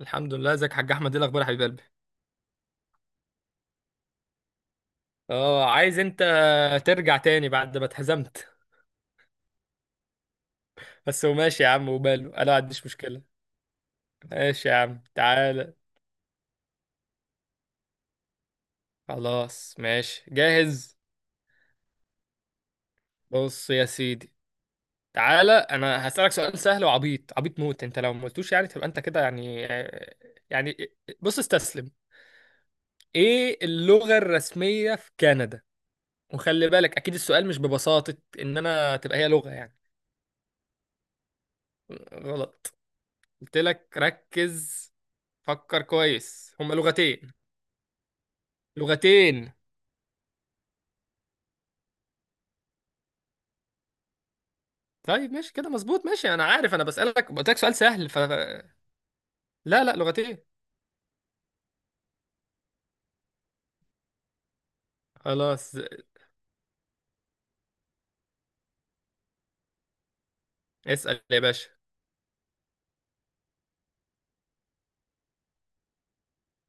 الحمد لله. ازيك يا حاج احمد؟ ايه الاخبار يا حبيب قلبي؟ اه، عايز انت ترجع تاني بعد ما اتهزمت. بس هو ماشي يا عم، وباله انا ما عنديش مشكله. ماشي يا عم، تعالى. خلاص ماشي، جاهز. بص يا سيدي، تعالى. انا هسألك سؤال سهل وعبيط، عبيط موت. انت لو ما قلتوش يعني تبقى انت كده يعني. بص، استسلم. ايه اللغة الرسمية في كندا؟ وخلي بالك، اكيد السؤال مش ببساطة ان انا تبقى هي لغة يعني. غلط. قلت لك ركز. فكر كويس، هما لغتين. لغتين. طيب ماشي كده، مظبوط. ماشي، انا عارف انا بسألك، قلت لك سؤال سهل، لا لا، لغتين. خلاص. اسأل يا باشا.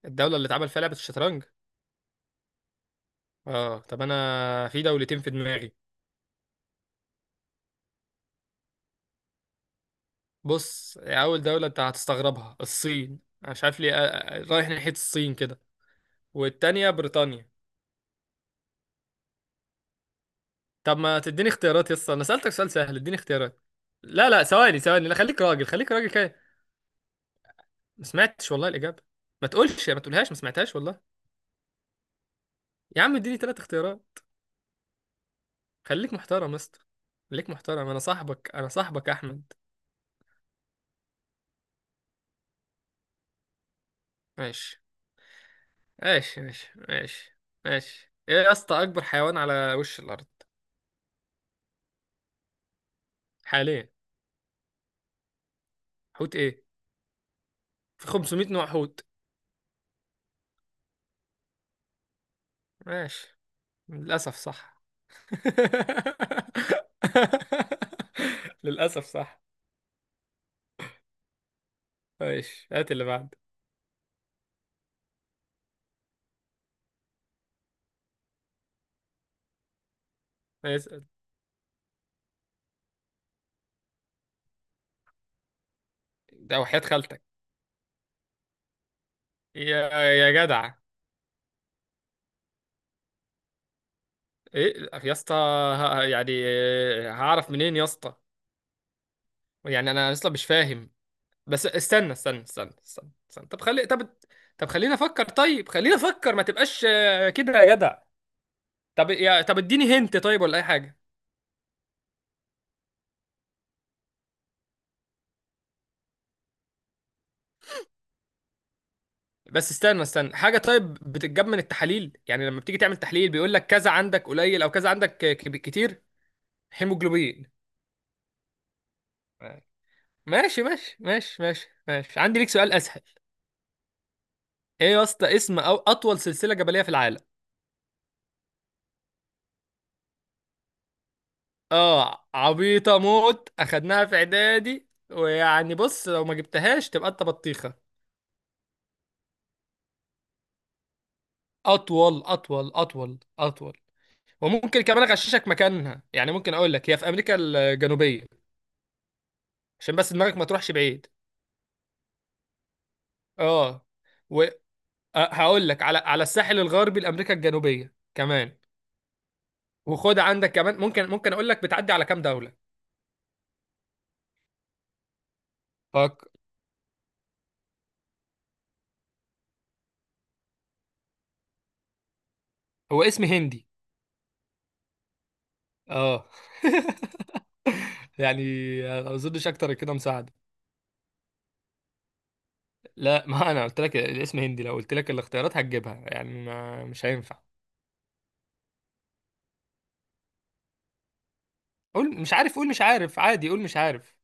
الدولة اللي اتعمل فيها لعبة الشطرنج؟ اه طب، انا في دولتين في دماغي. بص، اول دولة انت هتستغربها الصين، أنا مش عارف ليه، رايح ناحية الصين كده. والتانية بريطانيا. طب ما تديني اختيارات يا اسطى؟ انا سألتك سؤال سهل، اديني اختيارات. لا لا، ثواني ثواني، لا خليك راجل، خليك راجل كده. ما سمعتش والله الإجابة. ما تقولش، ما تقولهاش، ما سمعتهاش والله. يا عم اديني ثلاث اختيارات. خليك محترم يا اسطى. خليك محترم، انا صاحبك، انا صاحبك يا احمد. ماشي ماشي ماشي ماشي ماشي. ايه يا اسطى اكبر حيوان على وش الارض؟ حاليا. حوت ايه؟ في 500 نوع حوت. ماشي. للاسف صح. للاسف صح. ماشي، هات اللي بعد. اسال. ده وحياة خالتك. يا جدع. ايه يا اسطى؟ يعني هعرف منين يا اسطى؟ يعني انا اصلا مش فاهم. بس استنى استنى استنى استنى، استنى. طب طب طب خلينا افكر، طيب خلينا افكر ما تبقاش كده يا جدع. طب طب اديني هنت طيب ولا اي حاجه. بس استنى استنى حاجه. طيب بتتجاب من التحاليل، يعني لما بتيجي تعمل تحليل بيقول لك كذا عندك قليل او كذا عندك كتير. هيموجلوبين. ماشي ماشي ماشي ماشي ماشي، عندي ليك سؤال اسهل. ايه يا اسطى اسم او اطول سلسله جبليه في العالم؟ اه عبيطه موت، اخدناها في اعدادي، ويعني بص لو ما جبتهاش تبقى انت بطيخه. اطول اطول اطول اطول. وممكن كمان اغششك مكانها، يعني ممكن اقول لك هي في امريكا الجنوبيه. عشان بس دماغك ما تروحش بعيد. اه. وهقول لك على الساحل الغربي لامريكا الجنوبيه كمان. وخد عندك كمان، ممكن اقول لك بتعدي على كام دوله. فك. هو اسم هندي. اه. يعني. ما اظنش اكتر كده مساعده. لا، ما انا قلت لك الاسم هندي، لو قلت لك الاختيارات هتجيبها يعني، ما مش هينفع. قول مش عارف، قول مش عارف عادي، قول مش عارف.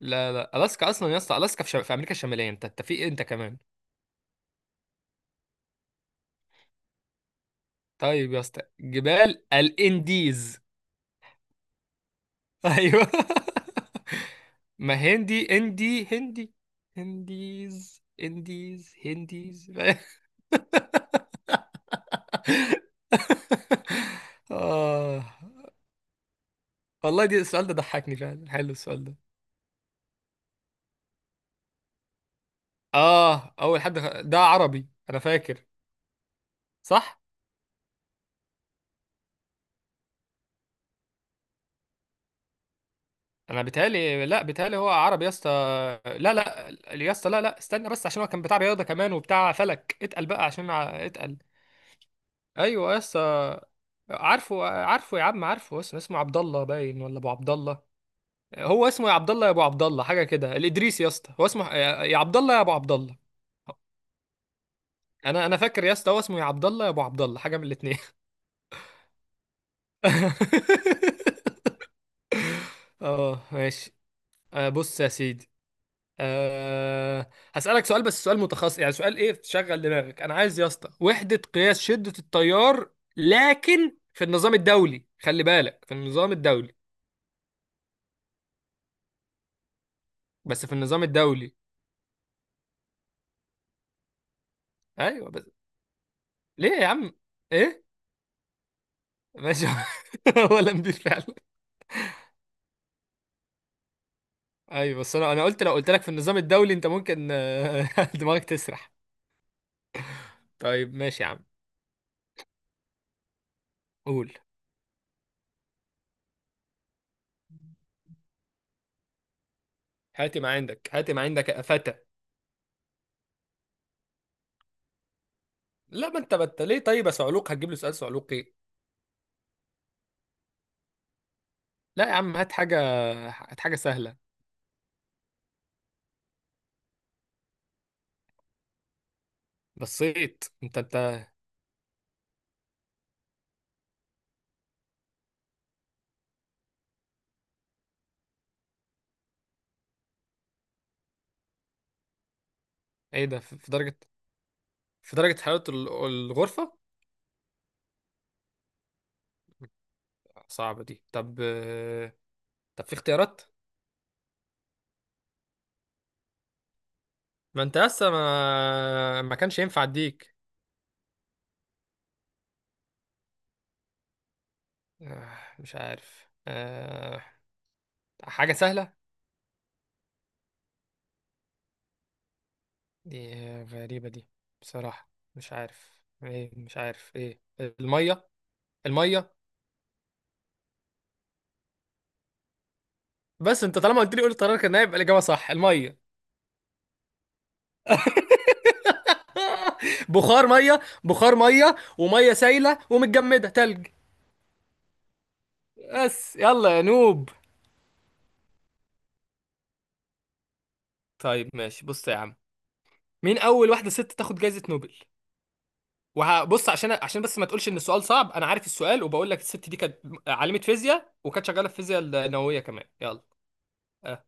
لا لا، الاسكا اصلا يا اسطى، الاسكا في امريكا الشماليه. انت في ايه انت كمان؟ طيب يا اسطى، جبال الانديز. ايوه. ما هندي اندي هندي. هنديز انديز هنديز. آه. والله دي السؤال ده ضحكني فعلا، حلو السؤال ده. اه اول حد ده عربي انا فاكر. صح. انا بيتهيألي، لا بيتهيألي هو عربي يا اسطى. لا لا. يا اسطى لا لا استنى، بس عشان هو كان بتاع رياضه كمان وبتاع فلك، اتقل بقى عشان اتقل. ايوه يا اسطى. عارفه عارفه يا عم عارفه، اسمه عبد الله باين، ولا ابو عبد الله. هو اسمه يا عبد الله يا ابو عبد الله، حاجه كده، الادريسي يا اسطى. هو اسمه يا عبد الله يا ابو عبد الله. انا فاكر يا اسطى، هو اسمه يا عبد الله يا ابو عبد الله، حاجه من الاثنين. اه ماشي. آه، بص يا سيدي. هسألك سؤال، بس سؤال متخصص، يعني سؤال ايه تشغل دماغك، انا عايز يا اسطى وحدة قياس شدة التيار. لكن في النظام الدولي، خلي بالك في النظام الدولي. بس في النظام الدولي. ايوه بس. ليه يا عم؟ ايه؟ ماشي. هو لمبي فعلا. ايوه بس، انا قلت لو قلت لك في النظام الدولي انت ممكن. دماغك تسرح. طيب ماشي يا عم. قول. هاتي ما عندك، هاتي ما عندك يا فتى. لا، ما انت ليه، طيب يا صعلوك هتجيب له سؤال صعلوك؟ ايه؟ لا يا عم، هات حاجة. هات حاجة سهلة. بصيت انت ايه ده؟ في درجة، في درجة حرارة الغرفة. صعبة دي طب. طب في اختيارات؟ ما انت لسه ما كانش ينفع اديك. مش عارف. حاجة سهلة. دي غريبة دي. بصراحة مش عارف ايه، مش عارف ايه. المية. المية. بس انت طالما قلت قرار، كان هيبقى الإجابة صح المية. بخار مية، بخار مية، ومية سايلة، ومتجمدة تلج. بس يلا يا نوب. طيب ماشي بص يا عم. مين اول واحده ست تاخد جائزه نوبل؟ وهبص عشان بس ما تقولش ان السؤال صعب. انا عارف السؤال، وبقول لك الست دي كانت عالمه فيزياء، وكانت شغاله في الفيزياء النوويه كمان. يلا. أه.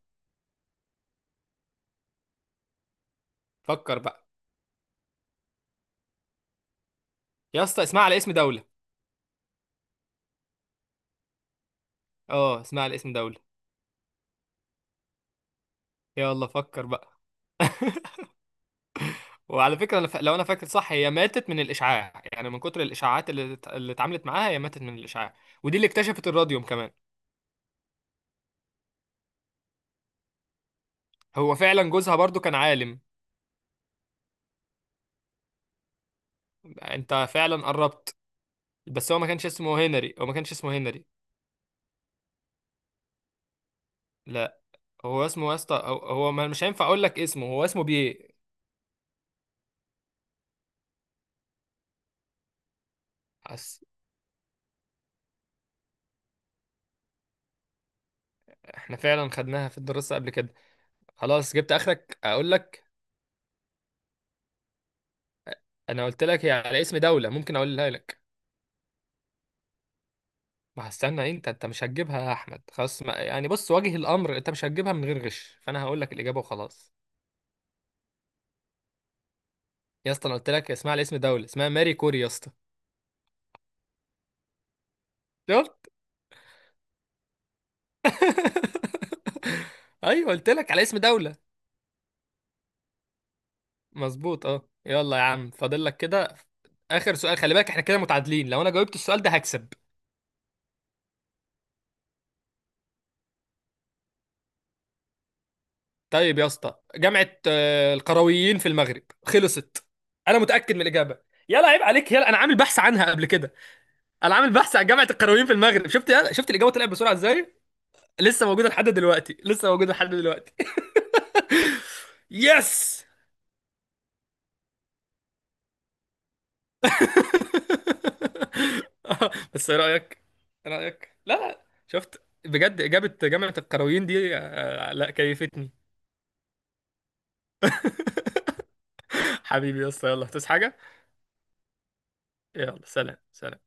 فكر بقى. يا اسطى اسمها على اسم دوله. اه اسمها على اسم دوله. يلا فكر بقى. وعلى فكره، أنا لو انا فاكر صح، هي ماتت من الاشعاع، يعني من كتر الاشاعات اللي اللي اتعاملت معاها. هي ماتت من الاشعاع. ودي اللي اكتشفت الراديوم كمان. هو فعلا جوزها برضو كان عالم. انت فعلا قربت. بس هو ما كانش اسمه هنري، هو ما كانش اسمه هنري. لا. هو اسمه يا اسطى، هو مش هينفع اقول لك اسمه، هو بيه. أس... احنا فعلا خدناها في الدراسة قبل كده. خلاص جبت اخرك اقول لك. انا قلت لك هي على اسم دولة، ممكن اقولها لك. ما هستنى، انت مش هتجيبها يا احمد، خلاص ما... يعني بص، واجه الامر، انت مش هتجيبها من غير غش، فانا هقول لك الاجابة وخلاص. يا اسطى انا قلت لك اسمها على اسم دولة، اسمها ماري كوري يا اسطى. شفت؟ ايوه، قلت لك على اسم دولة. مظبوط اه. يلا يا عم فاضل لك كده. اخر سؤال، خلي بالك احنا كده متعادلين، لو انا جاوبت السؤال ده هكسب. طيب يا اسطى، جامعة القرويين في المغرب، خلصت. انا متأكد من الإجابة. يلا عيب عليك، يلا انا عامل بحث عنها قبل كده. انا عامل بحث عن جامعة القرويين في المغرب، شفت؟ يلا شفت الإجابة طلعت بسرعة ازاي؟ لسه موجودة لحد دلوقتي، لسه موجودة لحد دلوقتي. يس. آه، بس ايه رأيك؟ ايه رأيك؟ لا، شفت بجد إجابة جامعة القرويين دي؟ لا كيفتني. حبيبي يا اسطى، يلا تصحى حاجة. يلا سلام سلام.